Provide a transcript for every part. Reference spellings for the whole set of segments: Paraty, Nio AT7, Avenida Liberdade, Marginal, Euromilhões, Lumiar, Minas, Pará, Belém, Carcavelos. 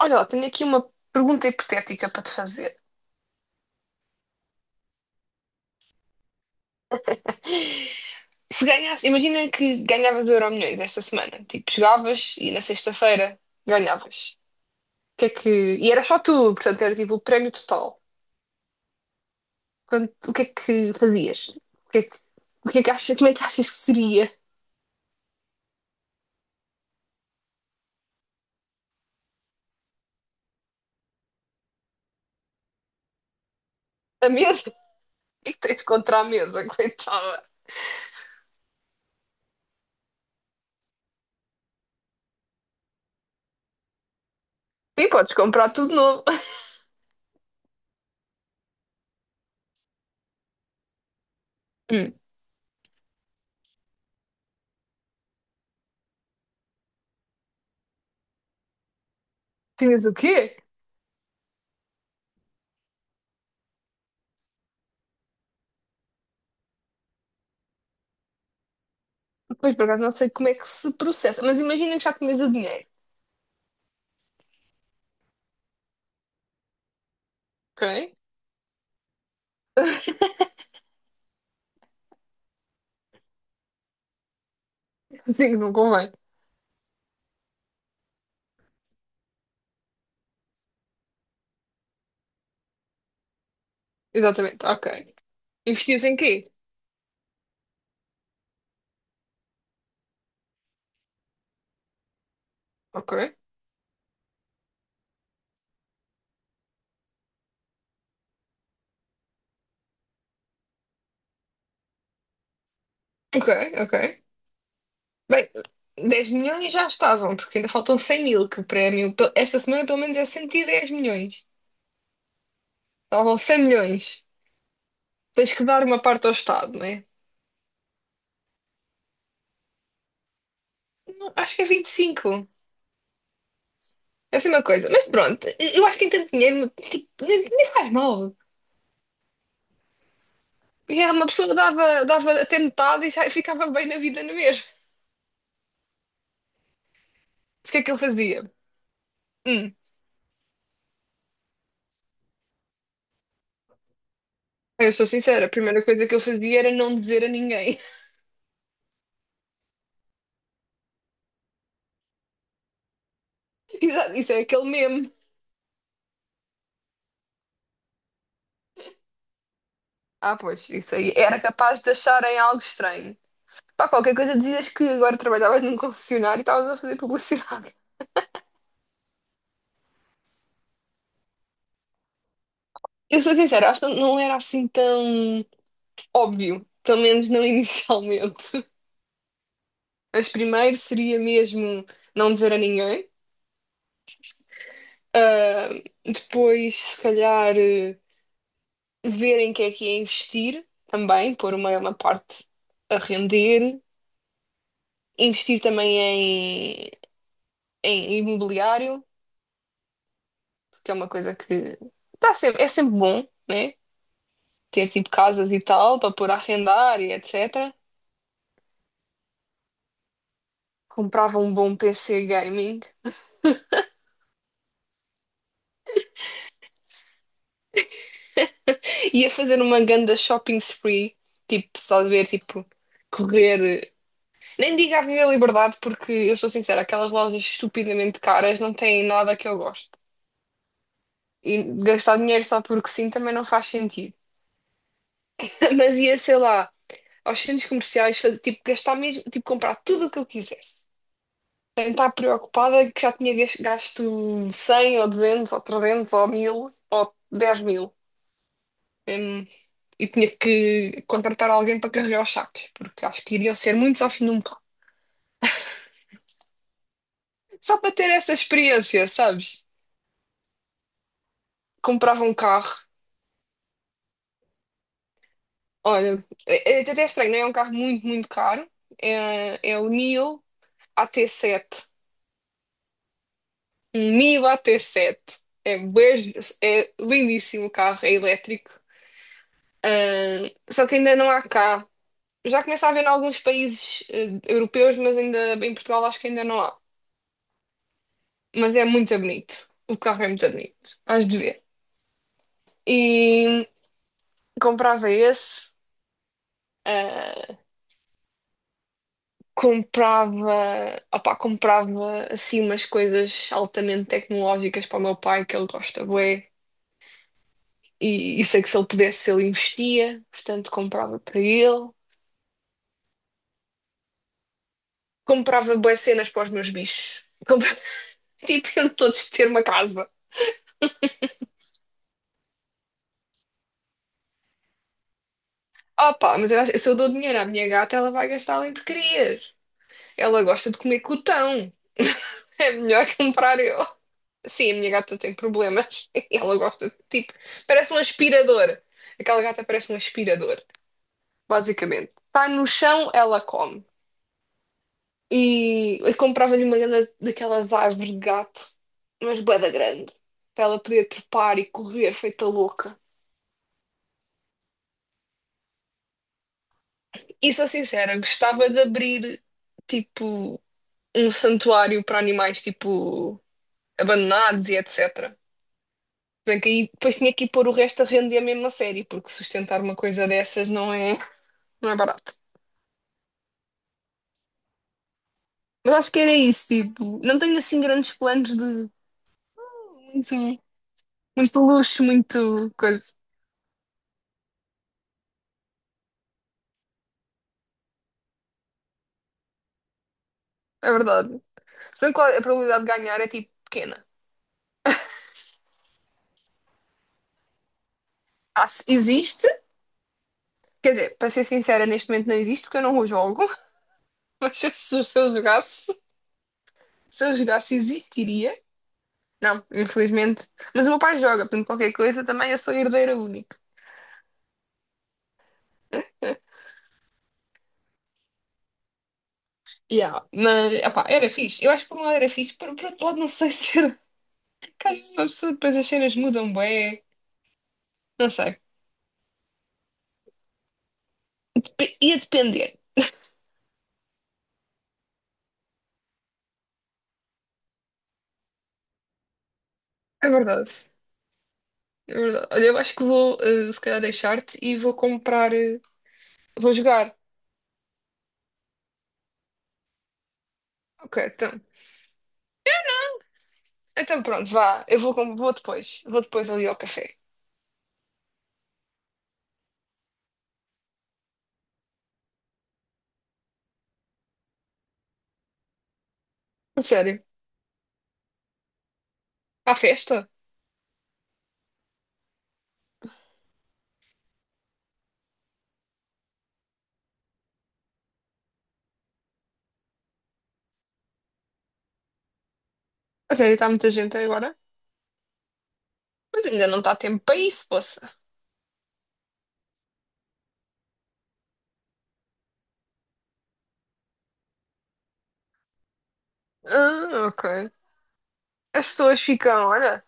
Olha, lá, tenho aqui uma pergunta hipotética para te fazer. Se ganhasse, imagina que ganhavas o Euromilhões esta semana. Tipo, chegavas e na sexta-feira ganhavas. O que é que... E era só tu, portanto, era tipo o prémio total. O que é que fazias? O que é que, o que é que achas, como é que achas que seria a mesa? O que é que tens contra a mesa, coitada? Sim, podes comprar tudo novo. Hum, tinhas o quê? Pois, por acaso, não sei como é que se processa, mas imagina que já tinhas o dinheiro, Ok? Sim, não convém. Exatamente, ok. Investias em quê? Ok, ok, ok. Bem, 10 milhões já estavam, porque ainda faltam 100 mil, que o prémio esta semana pelo menos é 110 milhões. Estavam 100 milhões. Tens que dar uma parte ao Estado, não é? Não, acho que é 25, é assim uma coisa. Mas pronto, eu acho que em tanto dinheiro, tipo, nem faz mal. E há uma pessoa dava até metade e já ficava bem na vida na mesma. O que é que ele fazia? Hum, eu sou sincera, a primeira coisa que eu fazia era não dizer a ninguém. Exato, isso é aquele meme. Ah, pois, isso aí. Era capaz de acharem algo estranho. Pá, qualquer coisa dizias que agora trabalhavas num concessionário e estavas a fazer publicidade. Eu sou sincera, acho que não era assim tão óbvio, pelo menos não inicialmente. Mas primeiro seria mesmo não dizer a ninguém. Ah, depois, se calhar, ver em que é investir também, pôr uma parte a render. Investir também em imobiliário. Que é uma coisa que tá sempre, é sempre bom, né? Ter tipo casas e tal para pôr a arrendar e etc. Comprava um bom PC gaming, ia fazer uma ganda shopping spree, tipo, estás a ver, tipo, correr. Nem digo Avenida Liberdade, porque eu sou sincera, aquelas lojas estupidamente caras não têm nada que eu gosto. E gastar dinheiro só porque sim também não faz sentido. Mas ia, sei lá, aos centros comerciais, fazer, tipo, gastar mesmo, tipo, comprar tudo o que eu quisesse. Está preocupada que já tinha gasto 100 ou 200 ou 300 ou 1000 ou 10.000. Hum, e tinha que contratar alguém para carregar os sacos, porque acho que iriam ser muitos ao fim de um carro. Só para ter essa experiência, sabes? Comprava um carro, olha, é, é até estranho, não é. É um carro muito, muito caro. É o Nio AT7. Um Nio AT7. É, bué- é lindíssimo o carro, é elétrico. Ah, só que ainda não há cá. Já começa a haver em alguns países europeus, mas ainda em Portugal acho que ainda não há. Mas é muito bonito. O carro é muito bonito. Hás de ver. E comprava esse. Ah, opá, comprava assim umas coisas altamente tecnológicas para o meu pai, que ele gosta bué. E sei que se ele pudesse, ele investia. Portanto, comprava para ele. Comprava bué cenas para os meus bichos. Comprava, tipo, eu todos ter uma casa. Opa, mas se eu dou dinheiro à minha gata, ela vai gastá-lo em porcarias. Ela gosta de comer cotão. É melhor comprar eu. Sim, a minha gata tem problemas. Ela gosta de tipo. Parece um aspirador. Aquela gata parece um aspirador, basicamente. Está no chão, ela come. E eu comprava-lhe uma daquelas árvores de gato, mas bué da grande, para ela poder trepar e correr feita louca. E sou sincera, gostava de abrir tipo. Um santuário para animais tipo abandonados e etc. Bem que aí depois tinha que ir pôr o resto a render mesmo a mesma série, porque sustentar uma coisa dessas não é, não é barato. Mas acho que era isso, tipo, não tenho assim grandes planos de muito, muito luxo, muito coisa. É verdade. Se bem que a probabilidade de ganhar é tipo pequena. Ah, existe, quer dizer, para ser sincera, neste momento não existe porque eu não o jogo, mas se eu jogasse, se eu jogasse existiria. Não, infelizmente. Mas o meu pai joga, portanto, qualquer coisa também eu sou herdeira única. Yeah, mas, opá, era fixe. Eu acho que por um lado era fixe, por outro lado não sei se era. Que às vezes uma pessoa depois as cenas mudam bem. Não sei. Ia depender. É verdade. É verdade. Olha, eu acho que vou, eh, se calhar, deixar-te e vou comprar. Vou jogar. Ok, então. Então pronto, vá. Eu vou depois. Vou depois ali ao café. A sério. À festa? A sério, está muita gente agora? Mas ainda não está tempo para isso, poça. Ah, ok. As pessoas ficam, olha,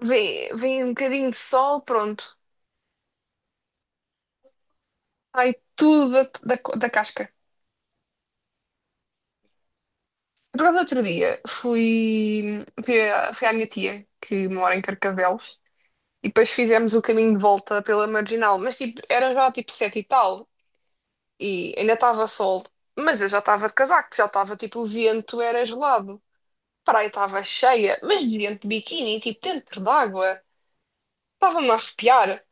vem um bocadinho de sol, pronto, sai tudo da casca. Por causa do outro dia, fui à minha tia, que mora em Carcavelos, e depois fizemos o caminho de volta pela Marginal, mas tipo, era já tipo sete e tal, e ainda estava sol, mas eu já estava de casaco, já estava tipo, o vento era gelado. A praia estava cheia, mas de gente de biquíni, tipo, dentro d'água, estava-me a arrepiar.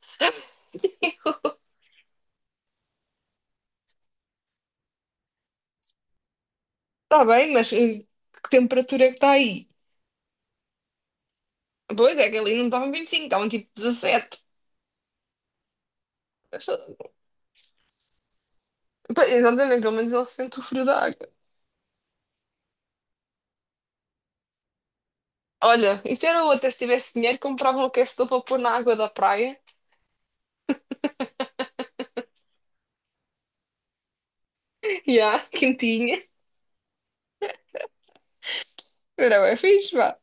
Está bem, mas eh, que temperatura é que está aí? Pois é, que ali não estavam 25, estavam tipo 17. Pois, exatamente, pelo menos ele sente o frio da água. Olha, isso era outra, se tivesse dinheiro, comprava um aquecedor para pôr na água da praia. Já, quentinha. Era bem fixe, vá.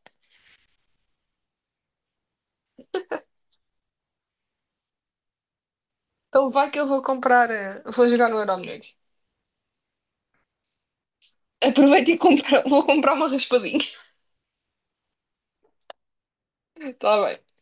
Então vai que eu vou comprar, eh, vou jogar no Euromilhões. Aproveita e compra, vou comprar uma raspadinha. Está bem.